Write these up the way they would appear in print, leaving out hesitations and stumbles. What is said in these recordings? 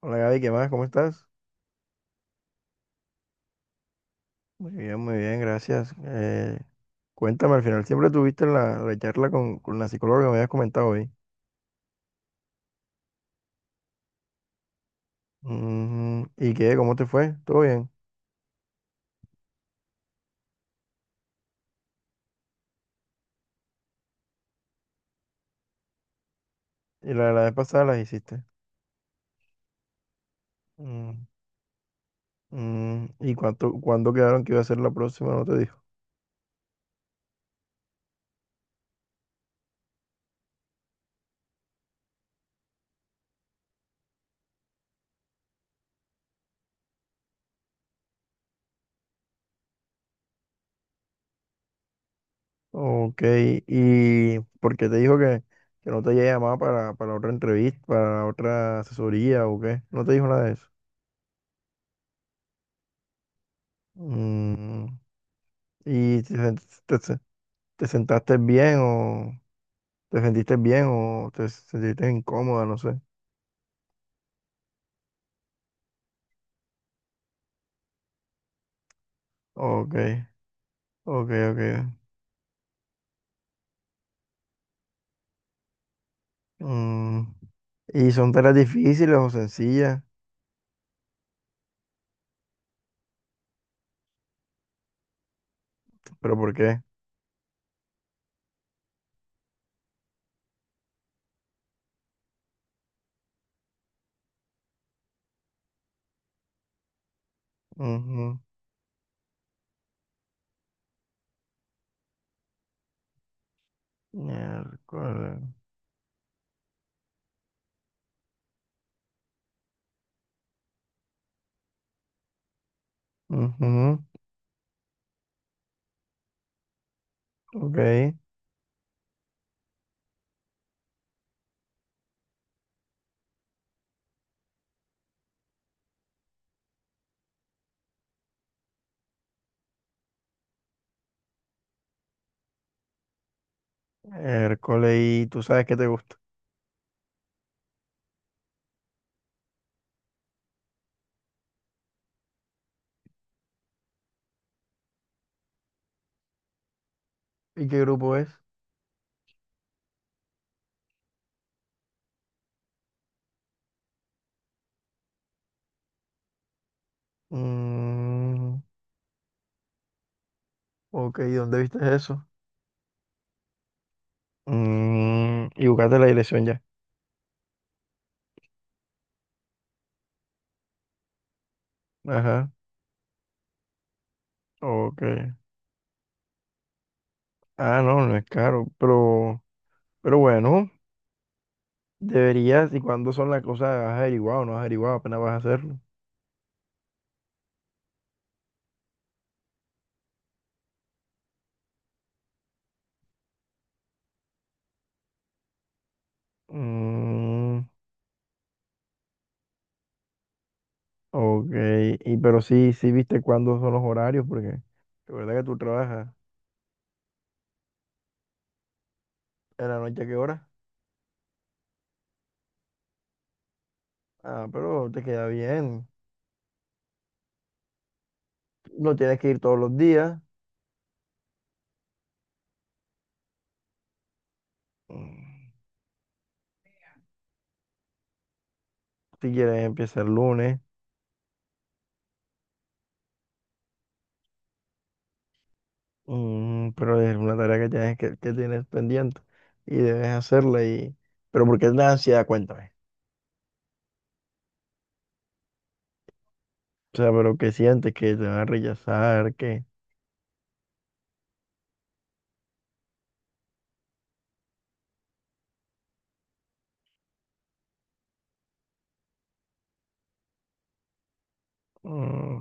Hola Gaby, ¿qué más? ¿Cómo estás? Muy bien, gracias. Cuéntame, al final siempre tuviste la charla con la psicóloga que me habías comentado hoy. Mm, ¿y qué? ¿Cómo te fue? ¿Todo bien? ¿Y la vez pasada las hiciste? Mm, mm, ¿y cuánto, cuándo quedaron que iba a ser la próxima? ¿No te dijo? Ok, ¿y por qué te dijo que no te había llamado para otra entrevista, para otra asesoría o qué? ¿No te dijo nada de eso? Mm, ¿y te, sen- te, se- te sentaste bien o...? ¿Te sentiste bien o te sentiste incómoda? No sé. Ok, ok, ok. Mm, ¿y son tareas difíciles o sencillas? ¿Pero por qué? Ujú. Miércoles. Ujú. Ok. Miércoles. ¿Y tú sabes qué te gusta? ¿Y qué grupo es? Mm, ok, ¿y dónde viste eso? Mm, y buscaste la dirección ya. Ajá. Ok. Ah, no, no es caro. Pero bueno. Deberías, ¿y cuándo son las cosas? ¿Has averiguado o no has averiguado? Apenas vas a hacerlo. Mm, ok, y pero sí, sí viste cuándo son los horarios, porque recuerda que tú trabajas en la noche, ¿a qué hora? Ah, pero te queda bien. No tienes que ir todos los días. Mm, si quieres empieza el lunes. Mm, pero es una tarea que tienes pendiente y debes hacerla. Y... pero ¿por qué la ansiedad? Cuéntame. O sea, pero ¿qué sientes? ¿Que te van a rechazar? Que mm,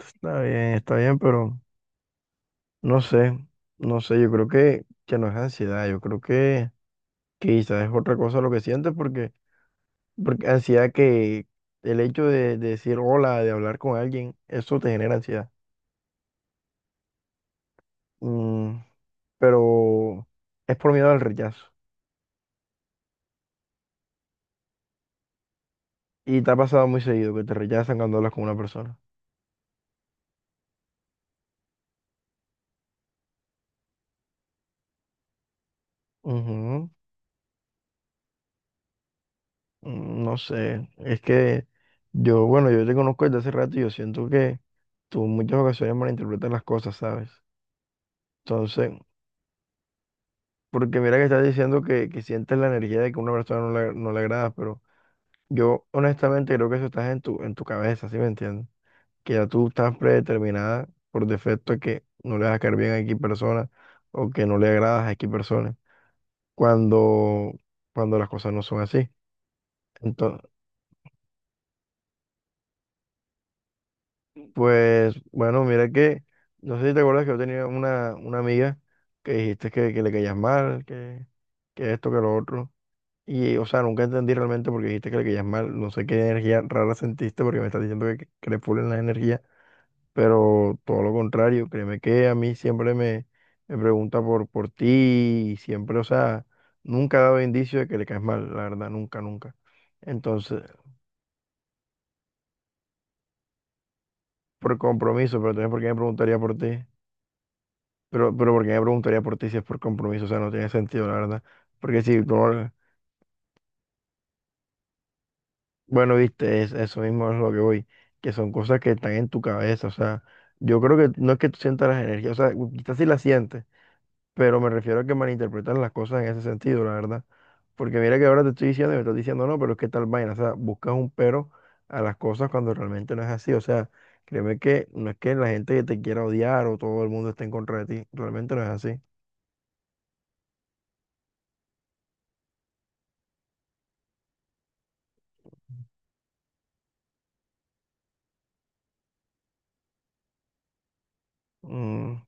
está bien, está bien, pero no sé, no sé, yo creo que no es ansiedad, yo creo que quizás es otra cosa lo que sientes porque, porque ansiedad que el hecho de decir hola, de hablar con alguien, eso te genera ansiedad. Mm, pero es por miedo al rechazo. Y te ha pasado muy seguido que te rechazan cuando hablas con una persona. Ujú, mm, no sé, es que yo, bueno, yo te conozco desde hace rato y yo siento que tú en muchas ocasiones malinterpretas las cosas, ¿sabes? Entonces, porque mira que estás diciendo que sientes la energía de que una persona no le agrada, pero yo honestamente creo que eso está en tu cabeza, ¿sí me entiendes? Que ya tú estás predeterminada por defecto de que no le vas a caer bien a X persona o que no le agradas a X persona cuando, cuando las cosas no son así. Entonces, pues bueno, mira que, no sé si te acuerdas que yo tenía una amiga que dijiste que le caías mal, que esto, que lo otro. Y, o sea, nunca entendí realmente porque dijiste que le querías mal. No sé qué energía rara sentiste porque me estás diciendo que le pulen la energía. Pero todo lo contrario, créeme que a mí siempre me, me pregunta por ti y siempre, o sea, nunca ha dado indicio de que le caes mal, la verdad, nunca, nunca. Entonces, por compromiso, pero también ¿por qué me preguntaría por ti? Pero ¿por qué me preguntaría por ti si es por compromiso? O sea, no tiene sentido, la verdad. Porque si tú no- bueno, viste, es, eso mismo es lo que voy, que son cosas que están en tu cabeza, o sea, yo creo que no es que tú sientas las energías, o sea, quizás sí las sientes, pero me refiero a que malinterpretan las cosas en ese sentido, la verdad, porque mira que ahora te estoy diciendo y me estás diciendo, no, pero es que tal vaina, o sea, buscas un pero a las cosas cuando realmente no es así, o sea, créeme que no es que la gente que te quiera odiar o todo el mundo esté en contra de ti, realmente no es así. Mm,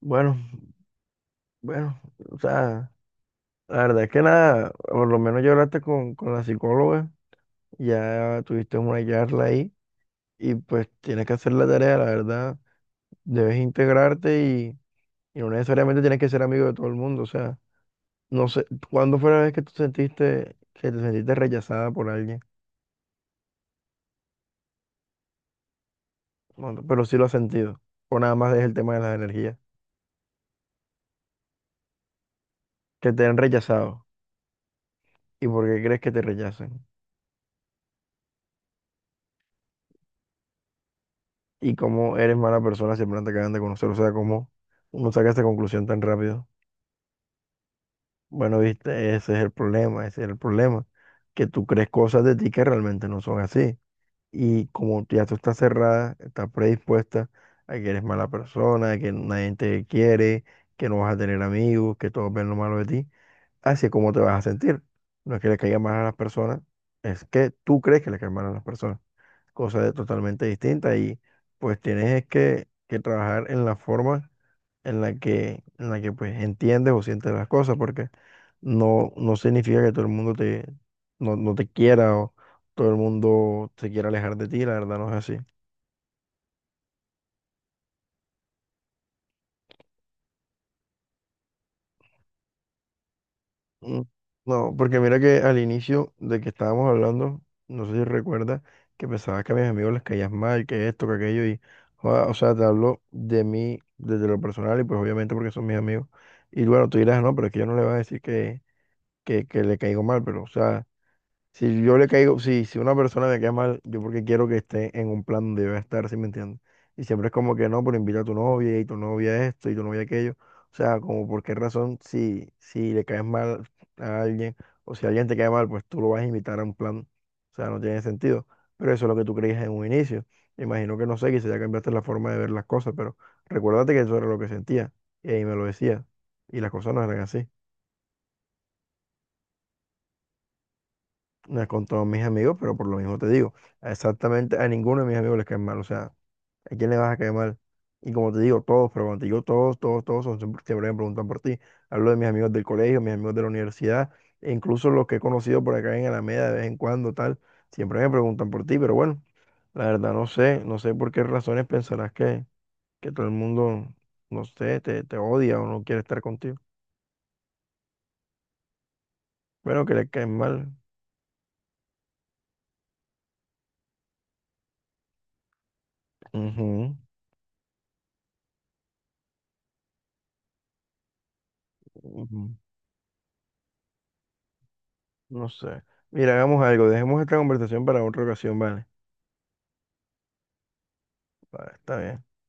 bueno, bueno, o sea, la verdad es que nada, por lo menos yo hablaste con la psicóloga. Ya tuviste una charla ahí y pues tienes que hacer la tarea, la verdad. Debes integrarte y no necesariamente tienes que ser amigo de todo el mundo. O sea, no sé, ¿cuándo fue la vez que tú sentiste que te sentiste rechazada por alguien? Bueno, pero sí lo has sentido. O nada más es el tema de las energías. Que te han rechazado. ¿Y por qué crees que te rechacen? Y cómo eres mala persona si apenas te acaban de conocer. O sea, cómo uno saca esa conclusión tan rápido. Bueno, viste, ese es el problema, ese es el problema, que tú crees cosas de ti que realmente no son así. Y como ya tú estás cerrada, estás predispuesta a que eres mala persona, a que nadie te quiere, que no vas a tener amigos, que todos ven lo malo de ti, así es como te vas a sentir. No es que le caiga mal a las personas, es que tú crees que le cae mal a las personas. Cosa de- totalmente distinta y pues tienes es que trabajar en la forma en la que pues entiendes o sientes las cosas, porque no, no significa que todo el mundo te, no, no te quiera o todo el mundo se quiera alejar de ti, la verdad no es así. Mm, no, porque mira que al inicio de que estábamos hablando, no sé si recuerdas, que pensabas que a mis amigos les caías mal, que esto, que aquello, y, joda, o sea, te hablo de mí desde lo personal y pues obviamente porque son mis amigos. Y bueno, tú dirás, no, pero es que yo no le voy a decir que le caigo mal, pero o sea, si yo le caigo, si, si una persona me cae mal, yo porque quiero que esté en un plan donde yo voy a estar, ¿sí me entiendes? Y siempre es como que no, pero invita a tu novia y tu novia esto y tu novia aquello. O sea, como por qué razón si, si le caes mal a alguien o si alguien te cae mal, pues tú lo vas a invitar a un plan. O sea, no tiene sentido. Pero eso es lo que tú creías en un inicio. Imagino que no sé, quizás ya cambiaste la forma de ver las cosas, pero recuérdate que eso era lo que sentía y ahí me lo decía. Y las cosas no eran así. No es con todos mis amigos, pero por lo mismo te digo, exactamente a ninguno de mis amigos les cae mal. O sea, ¿a quién le vas a caer mal? Y como te digo, todos, pero cuando te digo todos, todos, todos, son, siempre siempre me preguntan por ti. Hablo de mis amigos del colegio, mis amigos de la universidad, e incluso los que he conocido por acá en Alameda de vez en cuando, tal, siempre me preguntan por ti, pero bueno, la verdad no sé, no sé por qué razones pensarás que todo el mundo, no sé, te odia o no quiere estar contigo. Bueno, que le caes mal. Ujú, ujú. No sé. Mira, hagamos algo. Dejemos esta conversación para otra ocasión, ¿vale? Vale, está bien.